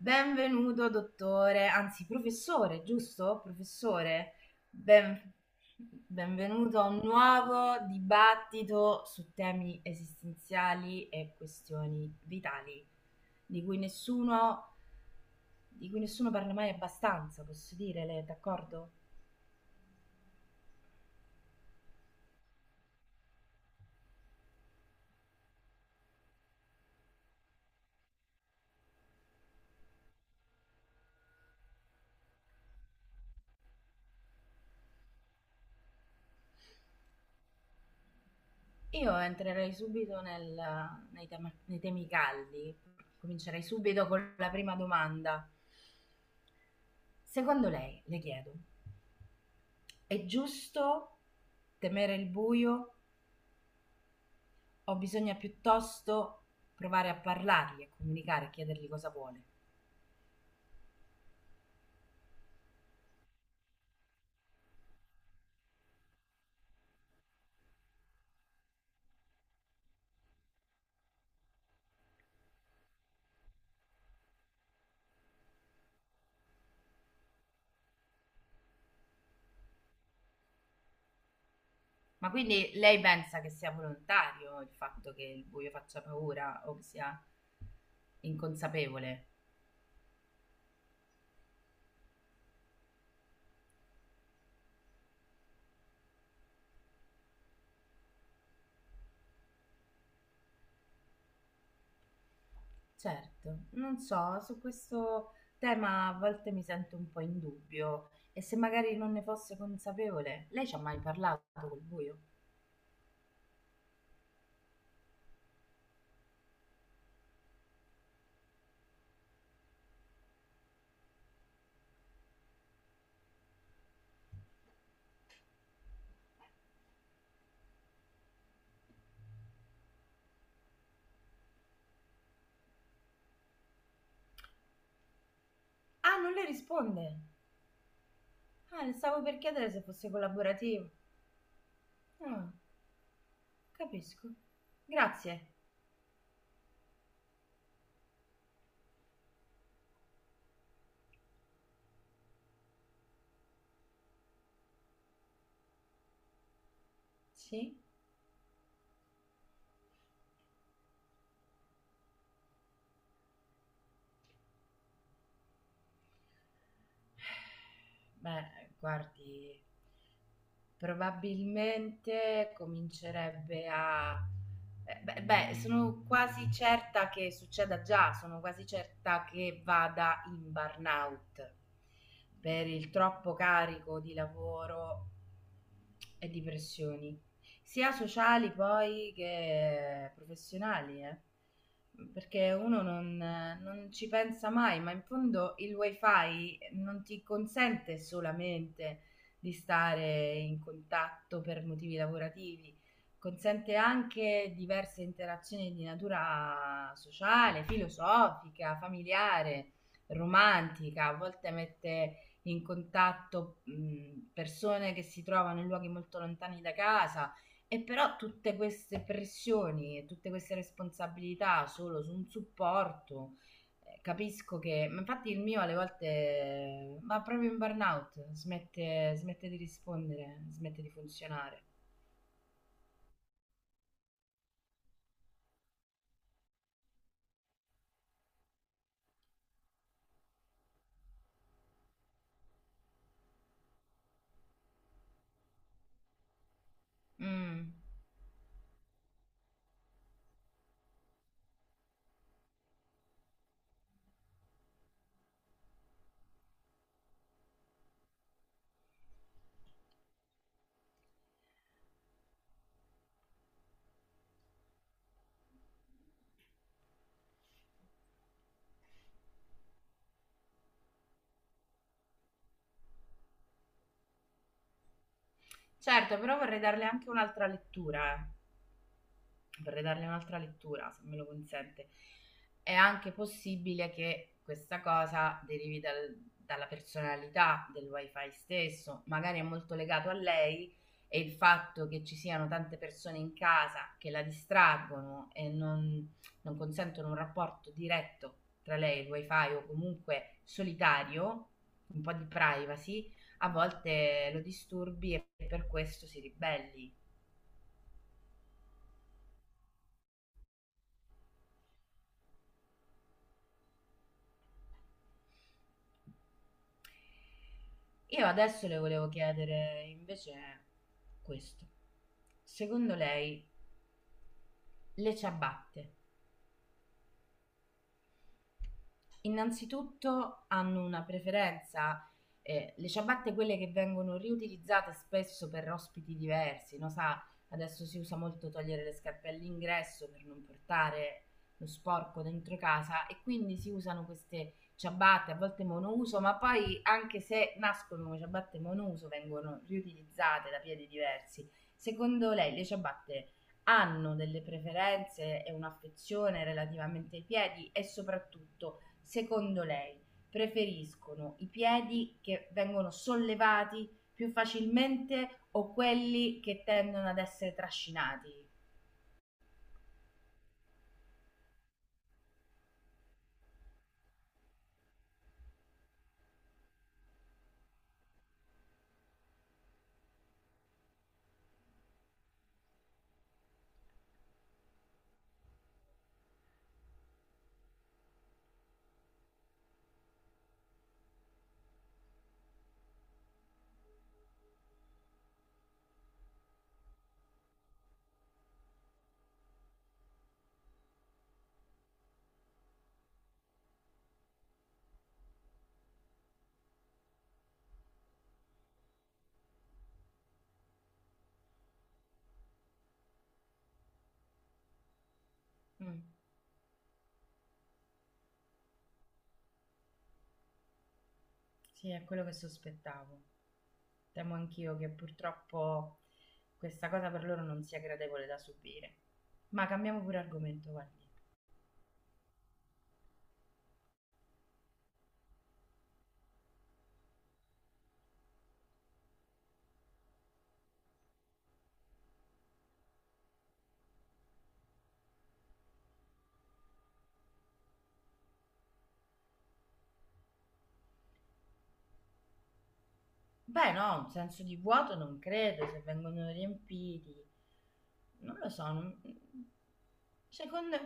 Benvenuto, dottore, anzi professore, giusto? Professore, ben- benvenuto a un nuovo dibattito su temi esistenziali e questioni vitali, di cui nessuno, di cui nessuno parla mai abbastanza, posso dire, lei è d'accordo? Io entrerei subito nei temi caldi, comincerei subito con la prima domanda. Secondo lei, le chiedo, è giusto temere il buio o bisogna piuttosto provare a parlargli, a comunicare, a chiedergli cosa vuole? Ma quindi lei pensa che sia volontario il fatto che il buio faccia paura o che sia inconsapevole? Certo, non so, su questo tema a volte mi sento un po' in dubbio e se magari non ne fosse consapevole, lei ci ha mai parlato col buio? Ah, non le risponde. Ah, le stavo per chiedere se fosse collaborativo. Ah. Capisco. Grazie. Sì? Beh, guardi, probabilmente comincerebbe a... Beh, beh, beh, sono quasi certa che succeda già, sono quasi certa che vada in burnout per il troppo carico di lavoro e di pressioni. Sia sociali poi che professionali, eh. Perché uno non, non ci pensa mai, ma in fondo il wifi non ti consente solamente di stare in contatto per motivi lavorativi, consente anche diverse interazioni di natura sociale, filosofica, familiare, romantica, a volte mette in contatto persone che si trovano in luoghi molto lontani da casa e però tutte queste pressioni e tutte queste responsabilità solo su un supporto, capisco che, ma infatti il mio alle volte va proprio in burnout, smette, smette di rispondere, smette di funzionare. Mm. Certo, però vorrei darle anche un'altra lettura, vorrei darle un'altra lettura, se me lo consente. È anche possibile che questa cosa derivi dalla personalità del wifi stesso, magari è molto legato a lei e il fatto che ci siano tante persone in casa che la distraggono e non consentono un rapporto diretto tra lei e il wifi o comunque solitario, un po' di privacy, a volte lo disturbi e per questo si ribelli. Io adesso le volevo chiedere invece questo. Secondo lei le ciabatte innanzitutto hanno una preferenza, le ciabatte quelle che vengono riutilizzate spesso per ospiti diversi, no, sa, adesso si usa molto togliere le scarpe all'ingresso per non portare lo sporco dentro casa e quindi si usano queste ciabatte, a volte monouso, ma poi anche se nascono come ciabatte monouso vengono riutilizzate da piedi diversi. Secondo lei le ciabatte hanno delle preferenze e un'affezione relativamente ai piedi e soprattutto, secondo lei, preferiscono i piedi che vengono sollevati più facilmente o quelli che tendono ad essere trascinati? Mm. Sì, è quello che sospettavo. Temo anch'io che purtroppo questa cosa per loro non sia gradevole da subire. Ma cambiamo pure argomento, guardi. Beh, no, un senso di vuoto non credo, se vengono riempiti. Non lo so, non- secondo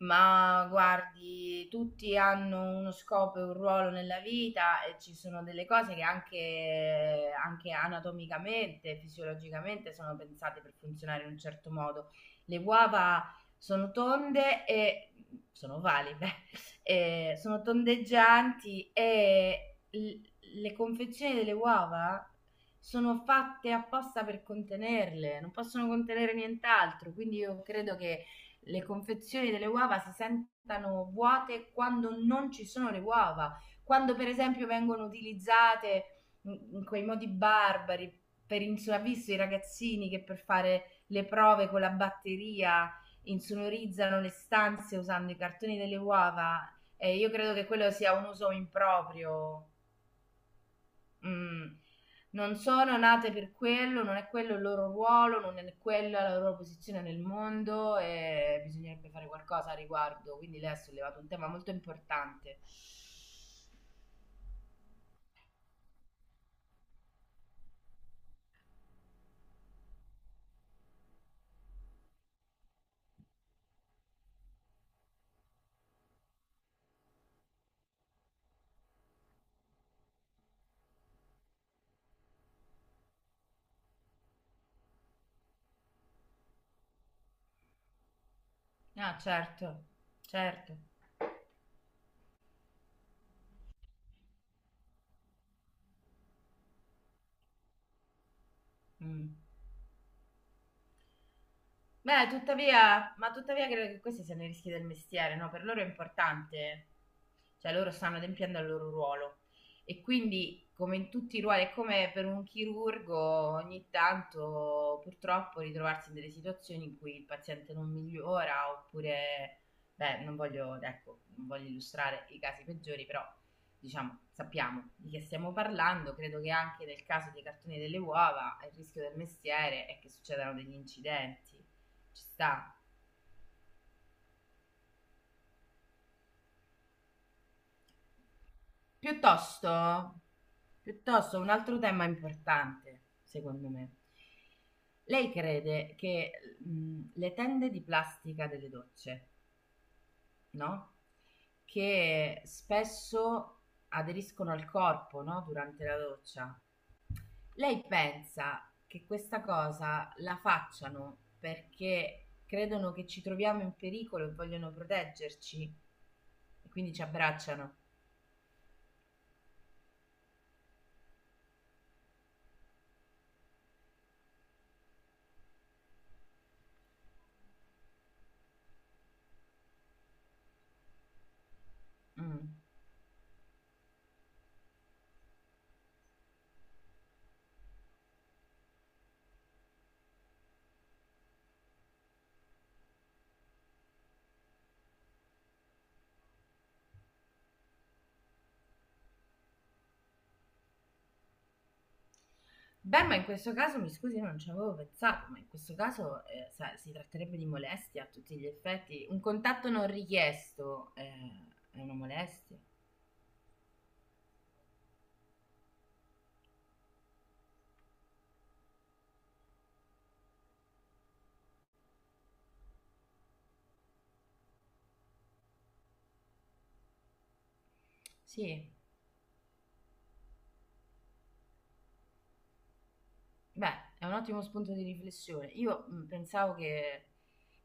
Ma guardi, tutti hanno uno scopo e un ruolo nella vita e ci sono delle cose che anche anatomicamente, fisiologicamente sono pensate per funzionare in un certo modo. Le uova sono tonde e sono valide, e sono tondeggianti le confezioni delle uova sono fatte apposta per contenerle, non possono contenere nient'altro, quindi io credo che le confezioni delle uova si sentano vuote quando non ci sono le uova, quando per esempio vengono utilizzate in quei modi barbari per ha visto i ragazzini che per fare le prove con la batteria insonorizzano le stanze usando i cartoni delle uova. Io credo che quello sia un uso improprio. Mh. Non sono nate per quello, non è quello il loro ruolo, non è quella la loro posizione nel mondo e bisognerebbe fare qualcosa a riguardo. Quindi lei ha sollevato un tema molto importante. Ah, certo, certo. Mm. Beh, tuttavia, ma tuttavia credo che questi siano i rischi del mestiere, no? Per loro è importante, cioè loro stanno adempiendo al loro ruolo. E quindi, come in tutti i ruoli, è come per un chirurgo, ogni tanto purtroppo ritrovarsi in delle situazioni in cui il paziente non migliora oppure, beh, non voglio, ecco, non voglio illustrare i casi peggiori, però diciamo, sappiamo di che stiamo parlando, credo che anche nel caso dei cartoni delle uova il rischio del mestiere è che succedano degli incidenti, ci sta. Piuttosto, piuttosto un altro tema importante, secondo me. Lei crede che le tende di plastica delle docce, no? Che spesso aderiscono al corpo, no? Durante la doccia. Lei pensa che questa cosa la facciano perché credono che ci troviamo in pericolo e vogliono proteggerci e quindi ci abbracciano? Mm. Beh, ma in questo caso, mi scusi, io non ci avevo pensato, ma in questo caso si tratterebbe di molestia a tutti gli effetti. Un contatto non richiesto, è una molestia. Sì. Beh, è un ottimo spunto di riflessione. Io pensavo che,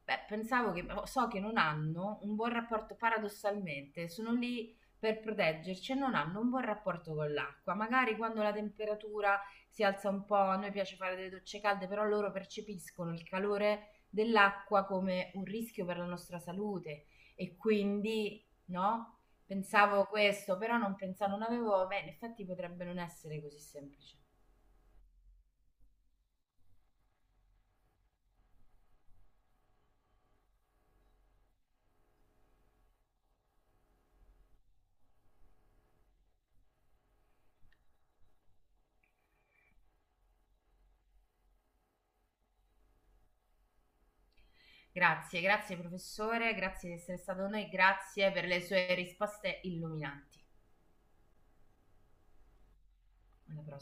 beh, pensavo che, oh, so che non hanno un buon rapporto, paradossalmente, sono lì per proteggerci e non hanno un buon rapporto con l'acqua. Magari quando la temperatura si alza un po', a noi piace fare delle docce calde, però loro percepiscono il calore dell'acqua come un rischio per la nostra salute e quindi, no? Pensavo questo, però non pensavo, non avevo, beh, in effetti potrebbe non essere così semplice. Grazie, grazie professore, grazie di essere stato con noi, grazie per le sue risposte illuminanti. Alla prossima.